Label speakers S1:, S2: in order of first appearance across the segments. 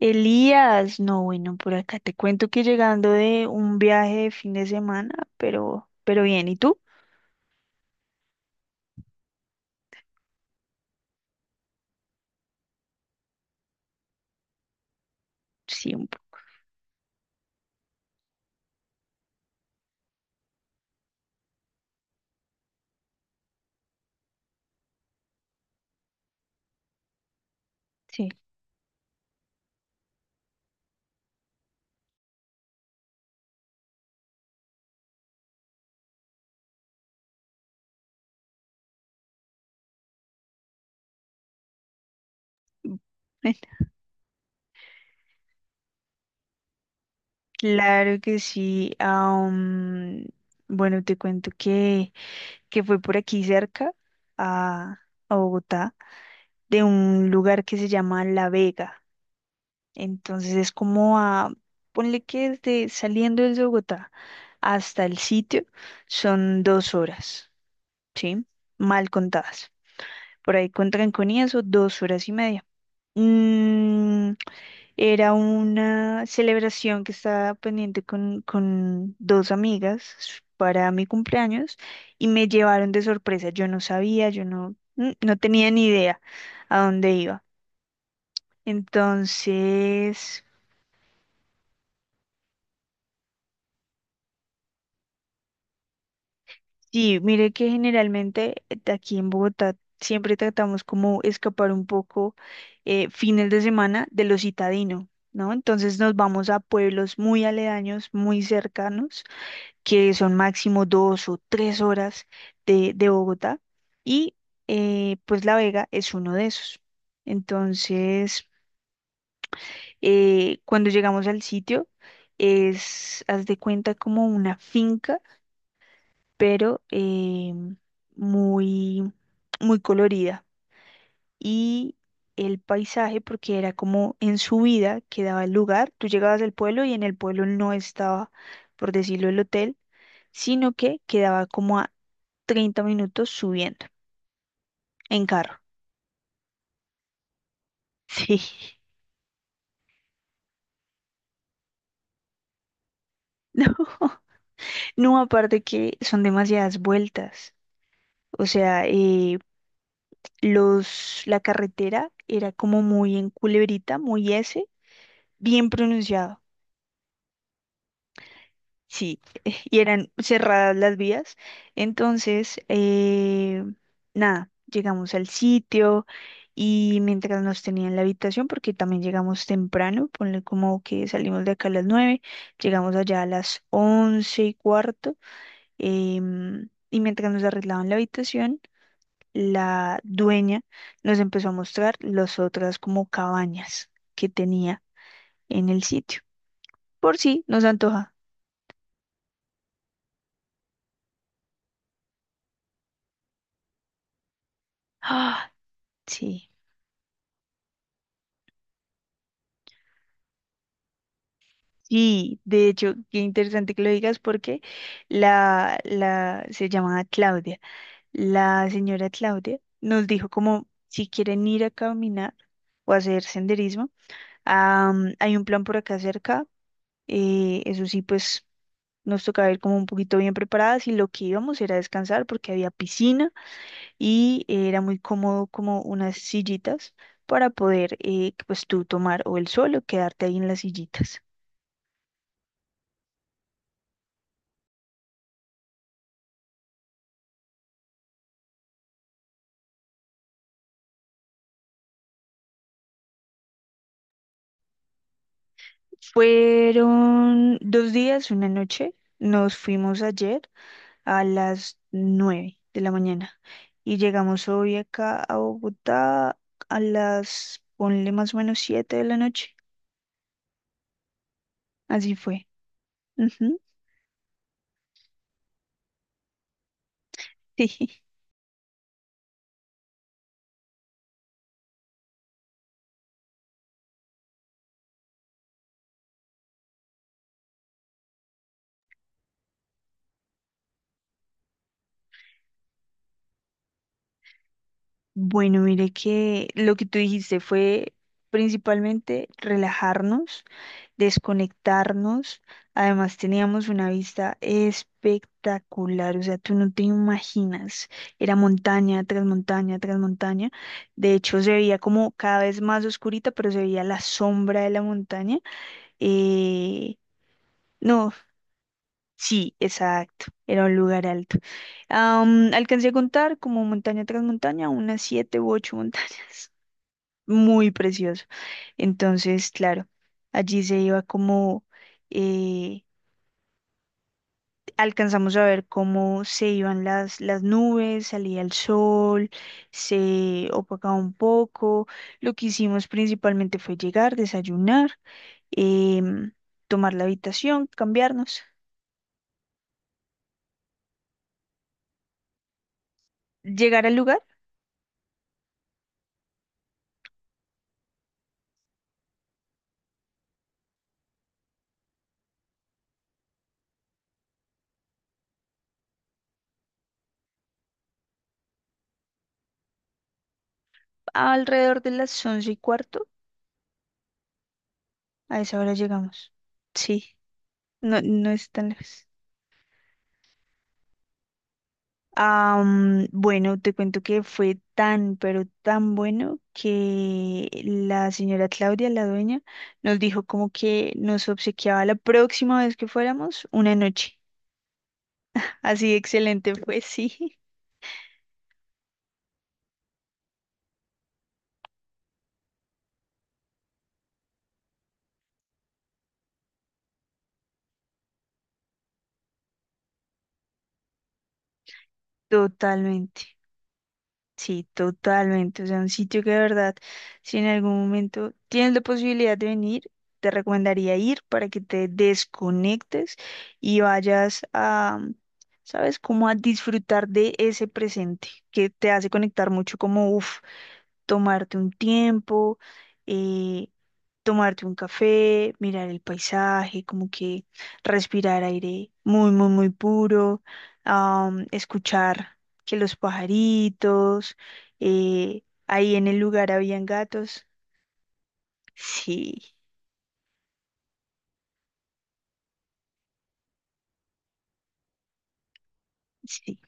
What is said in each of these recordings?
S1: Elías, no, bueno, por acá te cuento que llegando de un viaje de fin de semana, pero bien, ¿y tú? Sí, sí. Mm. Claro que sí. Bueno, te cuento que fue por aquí cerca a, a Bogotá, de un lugar que se llama La Vega. Entonces es como ponle que desde saliendo desde Bogotá hasta el sitio son 2 horas, ¿sí? Mal contadas. Por ahí con trancón y eso, 2 horas y media. Mm, Era una celebración que estaba pendiente con dos amigas para mi cumpleaños y me llevaron de sorpresa. Yo no sabía, yo no, mm, no tenía ni idea a dónde iba. Entonces, sí, mire que generalmente de aquí en Bogotá siempre tratamos como escapar un poco fines de semana de lo citadino, ¿no? Entonces nos vamos a pueblos muy aledaños, muy cercanos, que son máximo 2 o 3 horas de Bogotá y pues La Vega es uno de esos. Entonces, cuando llegamos al sitio, es, haz de cuenta como una finca, pero em, muy, muy colorida. Y el paisaje, porque era como en subida que daba el lugar, tú llegabas al pueblo y en el pueblo no estaba, por decirlo, el hotel, sino que quedaba como a 30 minutos subiendo en carro. Sí. No, no, aparte que son demasiadas vueltas. O sea, la carretera era como muy en culebrita, muy S, bien pronunciado. Sí, y eran cerradas las vías. Entonces, nada, llegamos al sitio y mientras nos tenían en la habitación, porque también llegamos temprano, ponle como que salimos de acá a las 9, llegamos allá a las 11:15, y mientras nos arreglaban la habitación, la dueña nos empezó a mostrar las otras como cabañas que tenía en el sitio, por si nos antoja. Ah, sí. Sí, de hecho, qué interesante que lo digas porque se llamaba Claudia. La señora Claudia nos dijo como si quieren ir a caminar o hacer senderismo, ah, hay un plan por acá cerca. Eso sí, pues nos tocaba ir como un poquito bien preparadas y lo que íbamos era descansar porque había piscina y era muy cómodo, como unas sillitas para poder pues tú tomar o el sol o quedarte ahí en las sillitas. Fueron 2 días, una noche. Nos fuimos ayer a las 9 de la mañana y llegamos hoy acá a Bogotá ponle más o menos 7 de la noche. Así fue. Ujú, sí. Bueno, mire que lo que tú dijiste fue principalmente relajarnos, desconectarnos. Además, teníamos una vista espectacular, o sea, tú no te imaginas. Era montaña tras montaña tras montaña. De hecho, se veía como cada vez más oscurita, pero se veía la sombra de la montaña. Eh, no, sí, exacto. Era un lugar alto. Alcancé a contar como montaña tras montaña, unas 7 u 8 montañas. Muy precioso. Entonces, claro, allí se iba como eh, alcanzamos a ver cómo se iban las nubes, salía el sol, se opacaba un poco. Lo que hicimos principalmente fue llegar, desayunar, em, tomar la habitación, cambiarnos, llegar al lugar alrededor de las 11:15. A esa hora llegamos. Sí, no, no es tan lejos. Bueno, te cuento que fue tan, pero tan bueno que la señora Claudia, la dueña, nos dijo como que nos obsequiaba la próxima vez que fuéramos una noche. Así de excelente fue, sí, totalmente. Sí, totalmente. O sea, un sitio que de verdad, si en algún momento tienes la posibilidad de venir, te recomendaría ir para que te desconectes y vayas a, ¿sabes? Como a disfrutar de ese presente que te hace conectar mucho, como, uff, tomarte un tiempo. eh, Tomarte un café, mirar el paisaje, como que respirar aire muy, muy, muy puro, escuchar que los pajaritos, ahí en el lugar habían gatos. Sí, sí.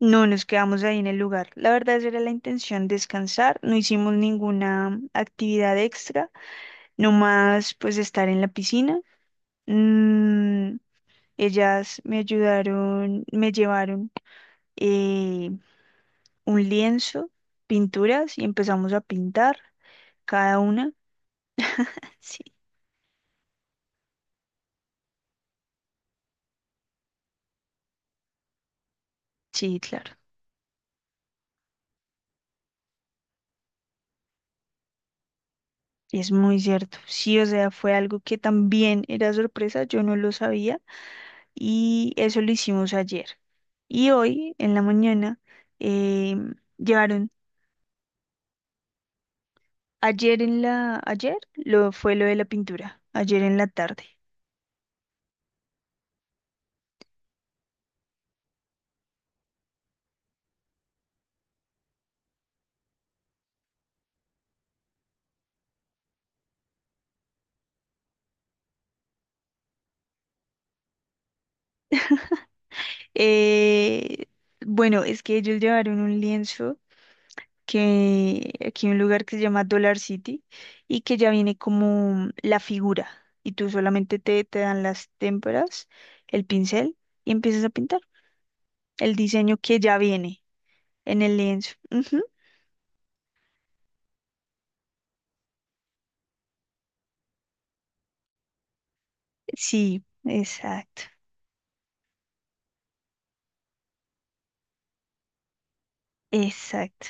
S1: No nos quedamos ahí en el lugar. La verdad, esa era la intención, descansar. No hicimos ninguna actividad extra, nomás pues estar en la piscina. Mm, Ellas me ayudaron, me llevaron eh, un lienzo, pinturas y empezamos a pintar cada una. Sí, sí, claro. Es muy cierto. Sí, o sea, fue algo que también era sorpresa, yo no lo sabía, y eso lo hicimos ayer. Y hoy en la mañana eh, llevaron, ayer lo fue lo de la pintura, ayer en la tarde. Eh, bueno, es que ellos llevaron un lienzo, que aquí hay un lugar que se llama Dollar City, y que ya viene como la figura y tú solamente te dan las témperas, el pincel y empiezas a pintar el diseño que ya viene en el lienzo. Ujú. Sí, exacto, exacto.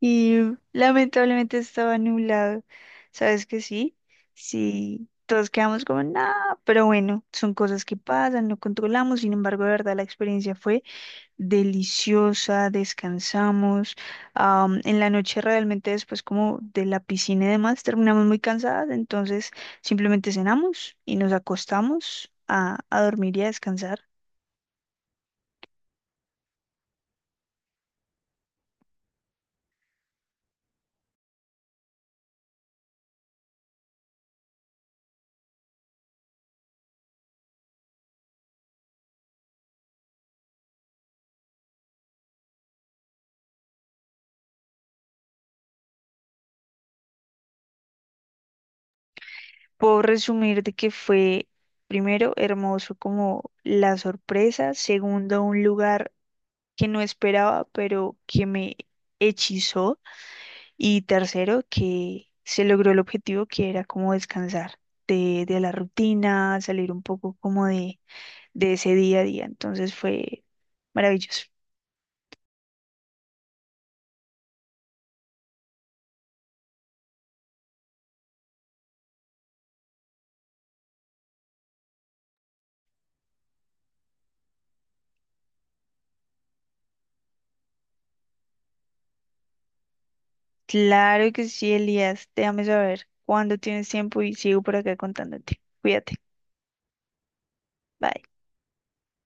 S1: Y lamentablemente estaba nublado, ¿sabes que sí? Sí. Todos quedamos como, nada, pero bueno, son cosas que pasan, no controlamos. Sin embargo, de verdad, la experiencia fue deliciosa, descansamos. En la noche, realmente, después como de la piscina y demás terminamos muy cansadas, entonces simplemente cenamos y nos acostamos a dormir y a descansar. Puedo resumir de que fue primero hermoso como la sorpresa, segundo un lugar que no esperaba, pero que me hechizó. Y tercero, que se logró el objetivo que era como descansar de la rutina, salir un poco como de ese día a día. Entonces fue maravilloso. Claro que sí, Elías. Déjame saber cuándo tienes tiempo y sigo por acá contándote. Cuídate. Bye.